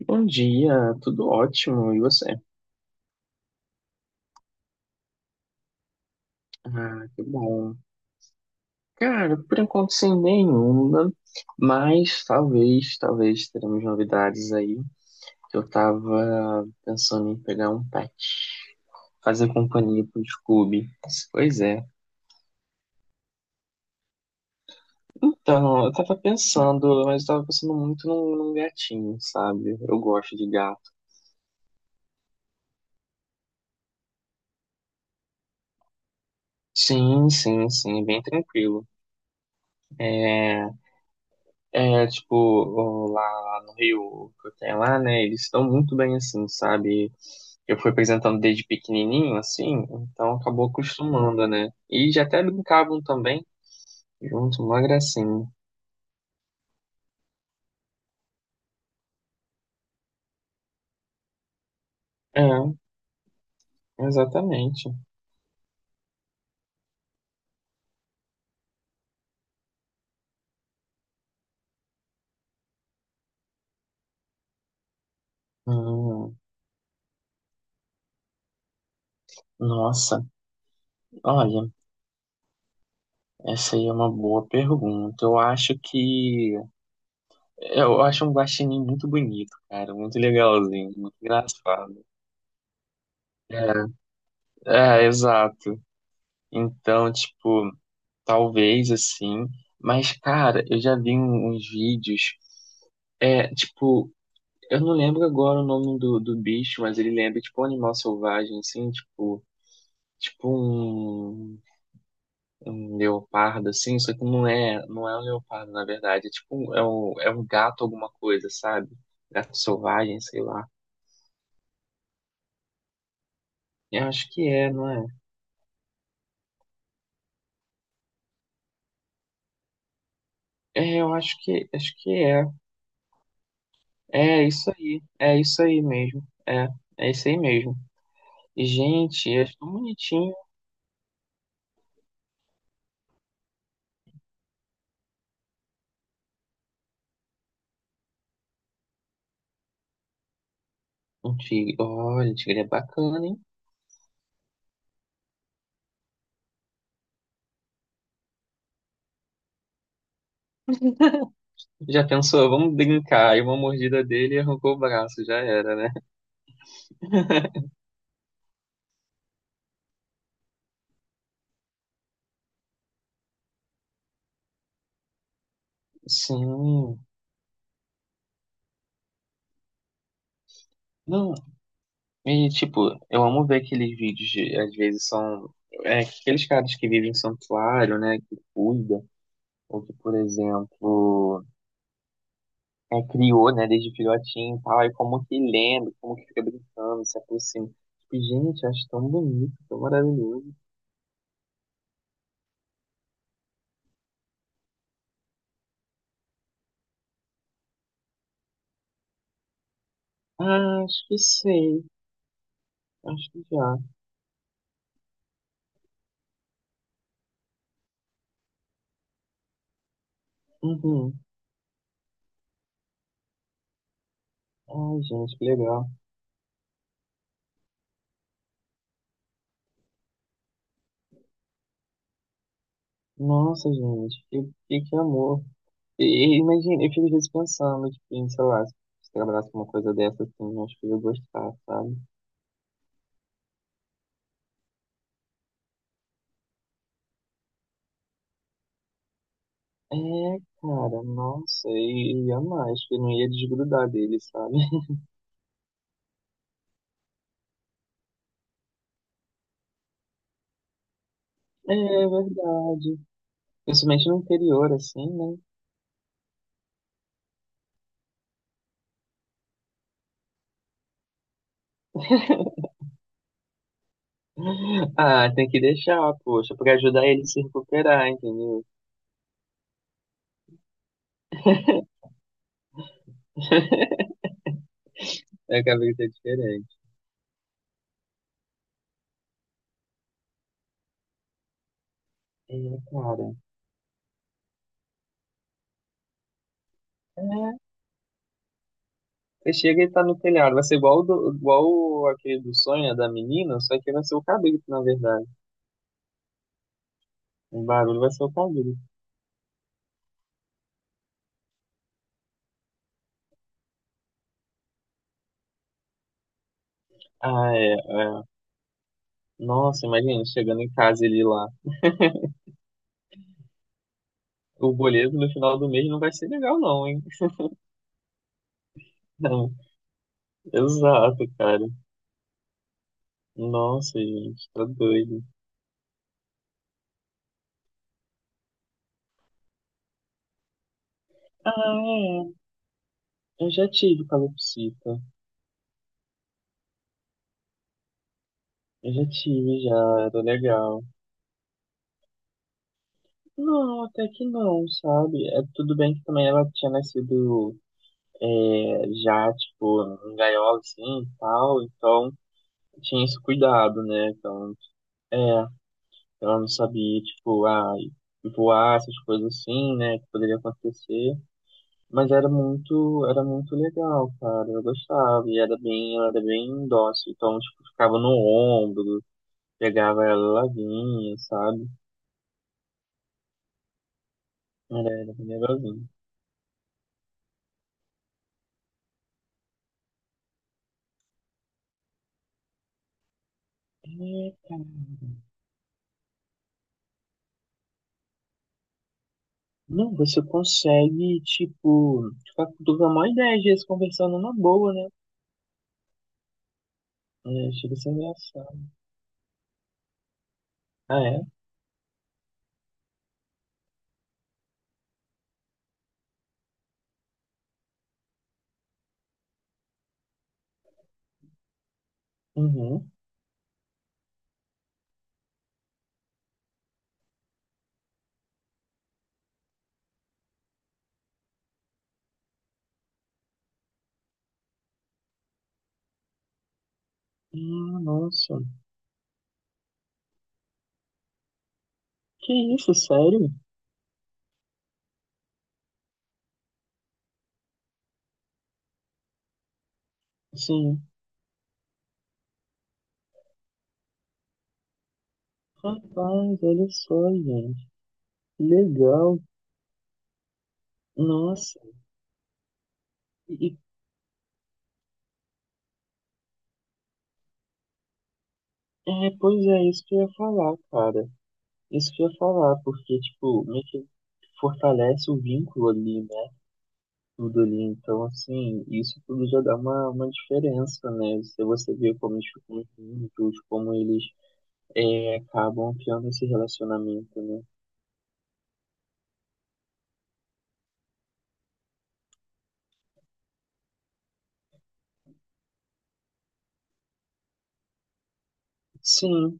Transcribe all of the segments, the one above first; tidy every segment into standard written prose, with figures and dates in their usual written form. Bom dia, tudo ótimo, e você? Ah, que bom. Cara, por enquanto sem nenhuma, mas talvez teremos novidades aí. Eu tava pensando em pegar um pet, fazer companhia pro Scooby. Pois é. Então, eu tava pensando, mas eu tava pensando muito num gatinho, sabe? Eu gosto de gato. Sim, sim, sim, bem tranquilo. É, tipo, lá no Rio, que eu tenho lá, né, eles estão muito bem, assim, sabe? Eu fui apresentando desde pequenininho, assim, então acabou acostumando, né? E já até brincavam também, junto, uma gracinha. É, exatamente. Hum, nossa, olha, essa aí é uma boa pergunta. Eu acho que Eu acho um guaxinim muito bonito, cara, muito legalzinho, muito engraçado. É, é, exato. Então, tipo... Talvez assim. Mas, cara, eu já vi uns vídeos. É, tipo, eu não lembro agora o nome do bicho, mas ele lembra, tipo, um animal selvagem, assim, tipo, tipo um, um leopardo, assim, só que não é um leopardo, na verdade. É tipo, é um gato alguma coisa, sabe? Gato selvagem, sei lá. Eu acho que é, não é? É, eu acho acho que é. É isso aí. É isso aí mesmo. É, é isso aí mesmo. E, gente, é tão bonitinho. Um tigre. Olha, tigre é bacana, hein? Já pensou? Vamos brincar. Aí uma mordida dele e arrancou o braço, já era, né? Sim. Não, e tipo, eu amo ver aqueles vídeos, de, às vezes são é, aqueles caras que vivem em santuário, né, que cuida, ou que, por exemplo, é, criou, né, desde filhotinho e tal, e como que lembra, como que fica brincando, se aproxima. Tipo, gente, acho tão bonito, tão maravilhoso. Ah, acho que sei, acho que já. Uhum. Ai, gente, que legal. Nossa, gente, que amor. E imagina, eu fico às vezes pensando, tipo, em, sei lá, se eu trabalhasse com uma coisa dessa, assim, acho que eu ia gostar, sabe? É, cara, nossa, e ia mais, acho que eu não ia desgrudar dele, sabe? É verdade. Principalmente no interior, assim, né? Ah, tem que deixar, poxa, pra ajudar ele a se recuperar, entendeu? É que a vida é diferente. É, cara, é. Você chega e tá no telhado. Vai ser igual, o do, aquele do sonho né, da menina, só que vai ser o cabrito, na verdade. O barulho vai ser o cabrito. Ah, é, é. Nossa, imagina, chegando em casa ele lá. O boleto no final do mês não vai ser legal, não, hein? Não. Exato, cara. Nossa, gente, tá doido. Ah, é. Eu já tive calopsita. Eu já tive, já. Era legal. Não, até que não, sabe? É, tudo bem que também ela tinha nascido é, já, tipo, em gaiola, assim, e tal, então tinha esse cuidado, né? Então, é, ela não sabia, tipo, ah, voar, essas coisas assim, né, que poderia acontecer, mas era muito legal, cara, eu gostava, e era bem, ela era bem dócil, então, tipo, ficava no ombro, pegava ela, ela vinha, sabe? Era bem legalzinho. É, cara. Não, você consegue, tipo, ficar com uma ideia às vezes conversando numa boa, né? É, chega a ser engraçado. Ah, é? Uhum. Ah, nossa. Que isso, sério? Sim. Rapaz, olha só, gente. Legal. Nossa. E, e- é, pois é, isso que eu ia falar, cara. Isso que eu ia falar, porque, tipo, meio que fortalece o vínculo ali, né? Tudo ali. Então, assim, isso tudo já dá uma diferença, né? Se você vê como eles ficam juntos, como eles é, acabam criando esse relacionamento, né? Sim,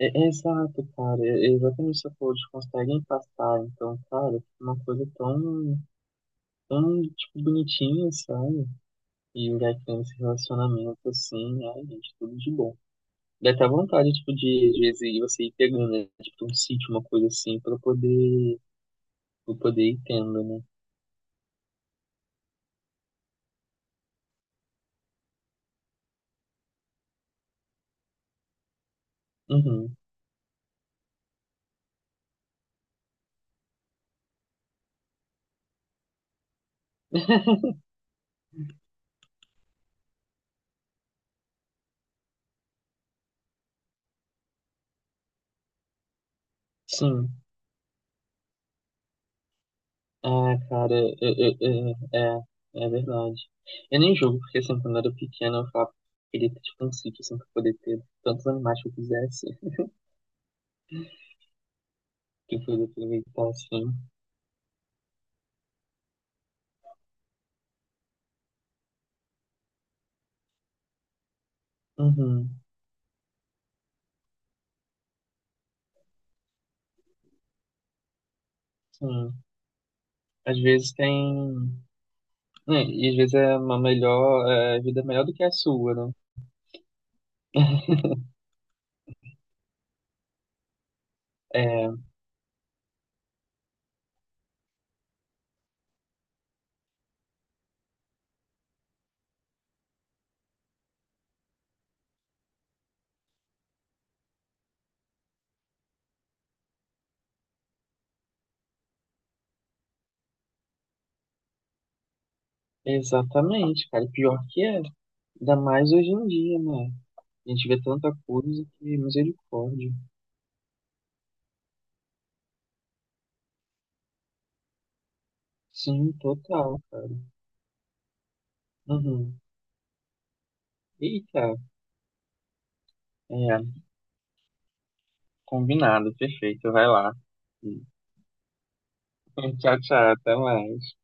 é, é exato, cara. É, é exatamente isso que você falou, eles conseguem passar. Então, cara, fica uma coisa tão, tão, tipo, bonitinha, sabe? E o Jack tem esse relacionamento assim, ai, gente, tudo de bom. Dá até vontade, tipo, de, às vezes, você ir pegando, né? Tipo, um sítio, uma coisa assim, pra poder ir tendo, né? Uhum. Sim. Ah, cara, é, é, é, é verdade. Eu nem jogo, porque assim, quando eu era pequeno, eu falava que queria ter tipo um sítio assim pra poder ter tantos animais que eu quisesse. Que foi aproveitar assim. Uhum, sim. Às vezes tem. Né, e às vezes é uma melhor. É, a vida é melhor do que a sua, né? É, exatamente, cara. E pior que é. Ainda mais hoje em dia, né? A gente vê tanta coisa que é misericórdia. Sim, total, cara. Uhum. Eita, é, combinado, perfeito. Vai lá. Tchau, tchau, até mais.